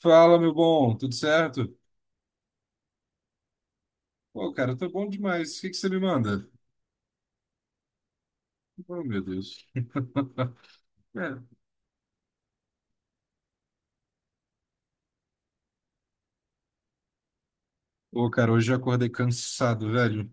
Fala, meu bom, tudo certo? Pô, cara, tá bom demais. O que que você me manda? Oh, meu Deus. É. Pô, cara, hoje eu acordei cansado, velho.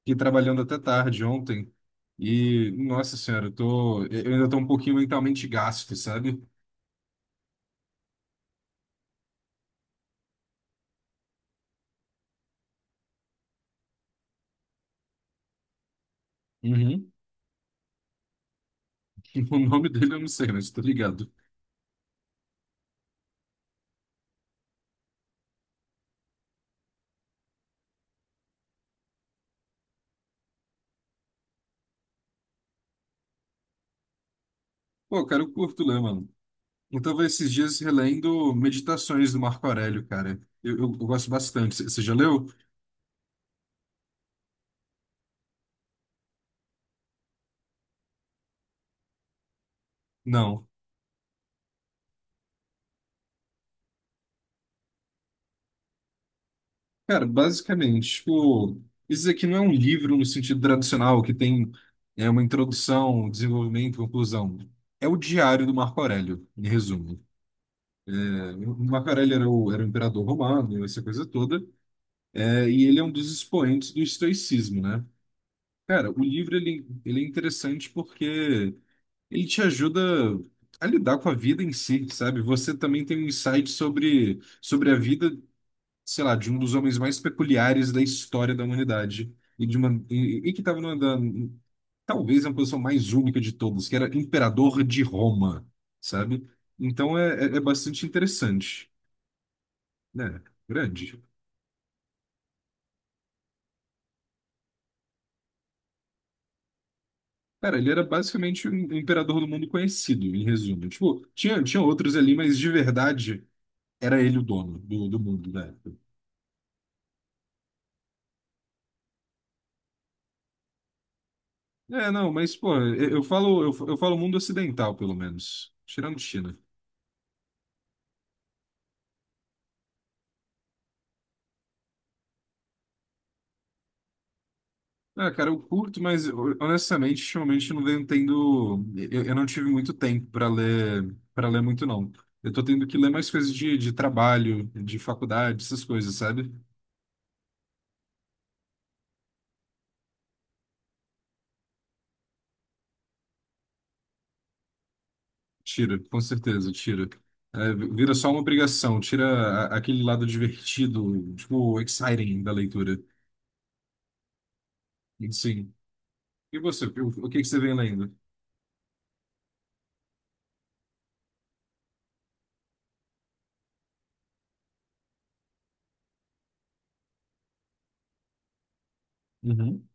Fiquei trabalhando até tarde ontem. E, nossa senhora, eu ainda tô um pouquinho mentalmente gasto, sabe? Uhum. O nome dele eu não sei, mas tô ligado. Pô, cara, eu curto ler, mano. Eu tava esses dias relendo Meditações do Marco Aurélio, cara. Eu gosto bastante. Você já leu? Não. Cara, basicamente, tipo, isso aqui não é um livro no sentido tradicional, que tem uma introdução, um desenvolvimento, conclusão. É o diário do Marco Aurélio, em resumo. É, o Marco Aurélio era o imperador romano, essa coisa toda, é, e ele é um dos expoentes do estoicismo, né? Cara, o livro, ele é interessante porque ele te ajuda a lidar com a vida em si, sabe? Você também tem um insight sobre a vida sei lá, de um dos homens mais peculiares da história da humanidade e que estava talvez a posição mais única de todos, que era imperador de Roma, sabe? Então é bastante interessante, né? Grande. Cara, ele era basicamente um imperador do mundo conhecido, em resumo. Tipo, tinha outros ali, mas de verdade era ele o dono do mundo da época. É, não, Mas, pô, eu falo mundo ocidental, pelo menos. Tirando China. Ah, cara, eu curto, mas honestamente, ultimamente eu não venho tendo. Eu não tive muito tempo para ler muito, não. Eu tô tendo que ler mais coisas de trabalho, de faculdade, essas coisas, sabe? Tira, com certeza, tira. É, vira só uma obrigação, tira aquele lado divertido, tipo, exciting da leitura. Sim. E você, o que que você vem lendo? Uhum.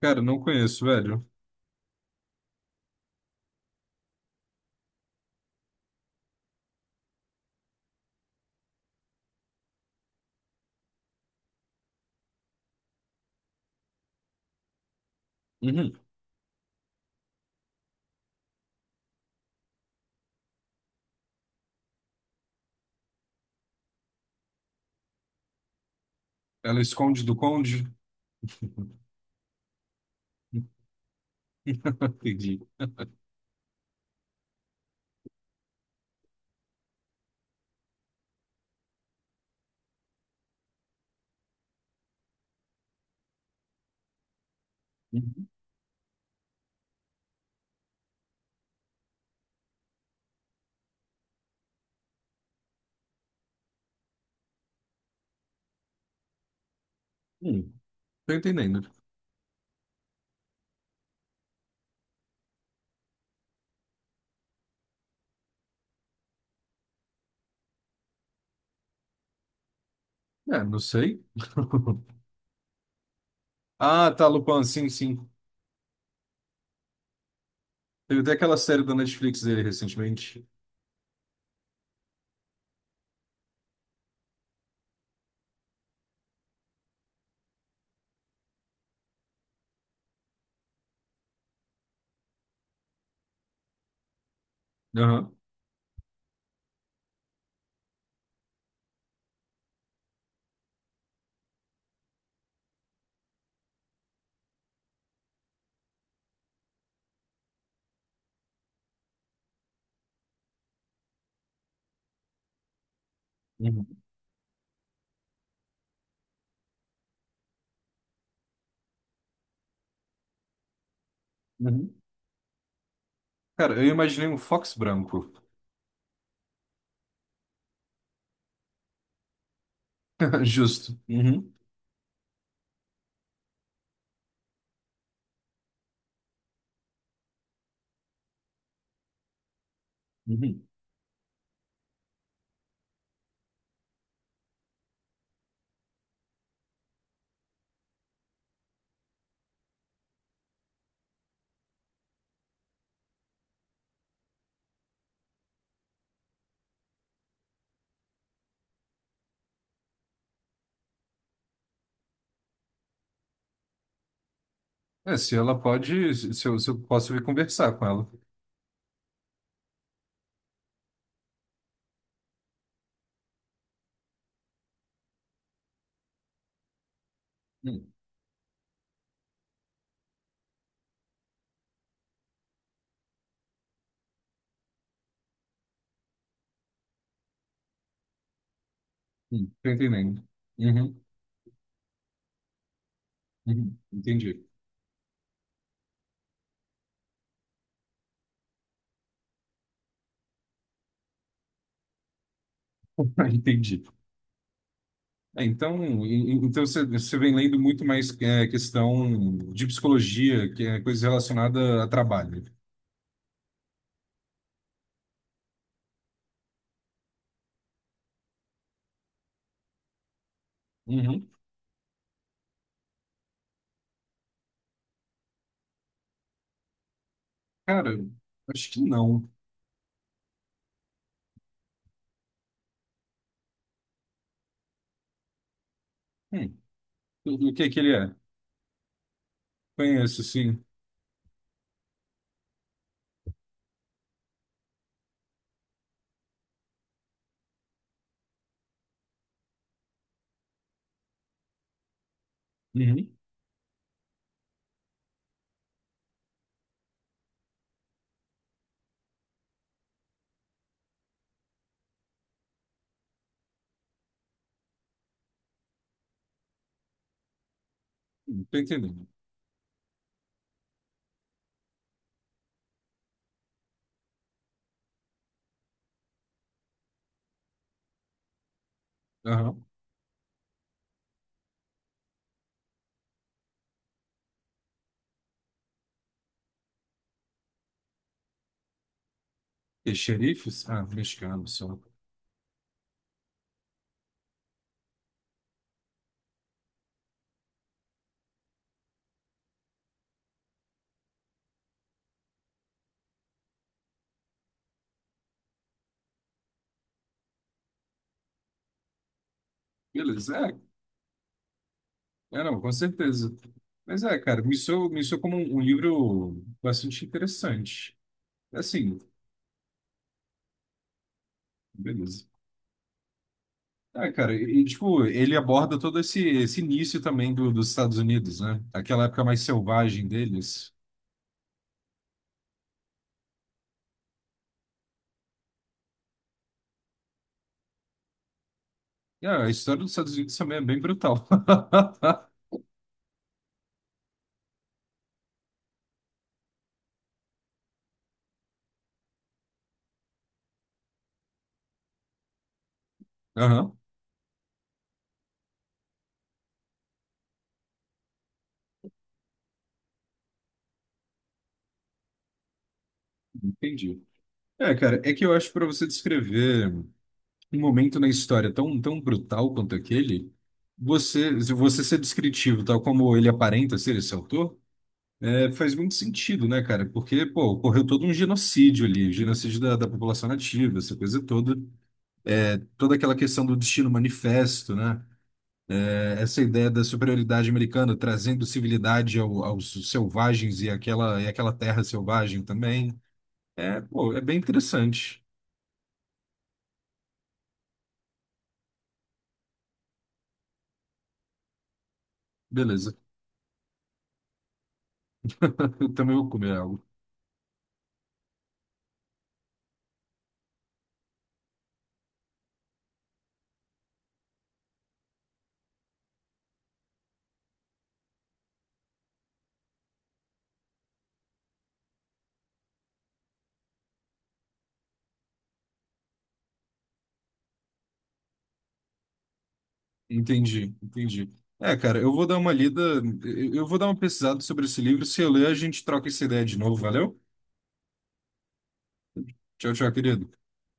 Cara, não conheço, velho. Uhum. Ela esconde do conde? Entendi. Uhum. Hum. Tô entendendo. É, não sei. Ah, tá, Lupin, sim, sim. Teve até aquela série da Netflix dele recentemente. Aham. Uhum. Uhum. Cara, eu imaginei um Fox branco. Justo. Uhum. Uhum. É, se ela pode, se eu posso vir conversar com ela. Hum, tô entendendo. Uhum. Uhum. Entendi. Entendi. É, então, então você vem lendo muito mais é, questão de psicologia, que é coisa relacionada a trabalho. Uhum. Cara, acho que não. Hum. O que que ele é? Conheço, sim. Uhum. Tô entendendo. Aham. E xerifes? Ah, mexicano só. Beleza, é. É, não, com certeza. Mas é, cara, me soou como um livro bastante interessante. Assim, beleza. Ah, cara, tipo, ele aborda todo esse, esse início também dos Estados Unidos, né? Aquela época mais selvagem deles. E, ah, a história dos Estados Unidos também é bem brutal. Aham, entendi. É, cara, é que eu acho que para você descrever. Um momento na história tão brutal quanto aquele, você, se você ser descritivo, tal como ele aparenta ser esse autor, é, faz muito sentido, né, cara? Porque, pô, ocorreu todo um genocídio ali, genocídio da população nativa, essa coisa toda, toda aquela questão do destino manifesto, né? É, essa ideia da superioridade americana trazendo civilidade aos selvagens e aquela terra selvagem também. É, pô, é bem interessante. Beleza. Eu também vou comer algo. Entendi, entendi. É, cara, eu vou dar uma lida, eu vou dar uma pesquisada sobre esse livro. Se eu ler, a gente troca essa ideia de novo, valeu? Tchau, tchau, querido.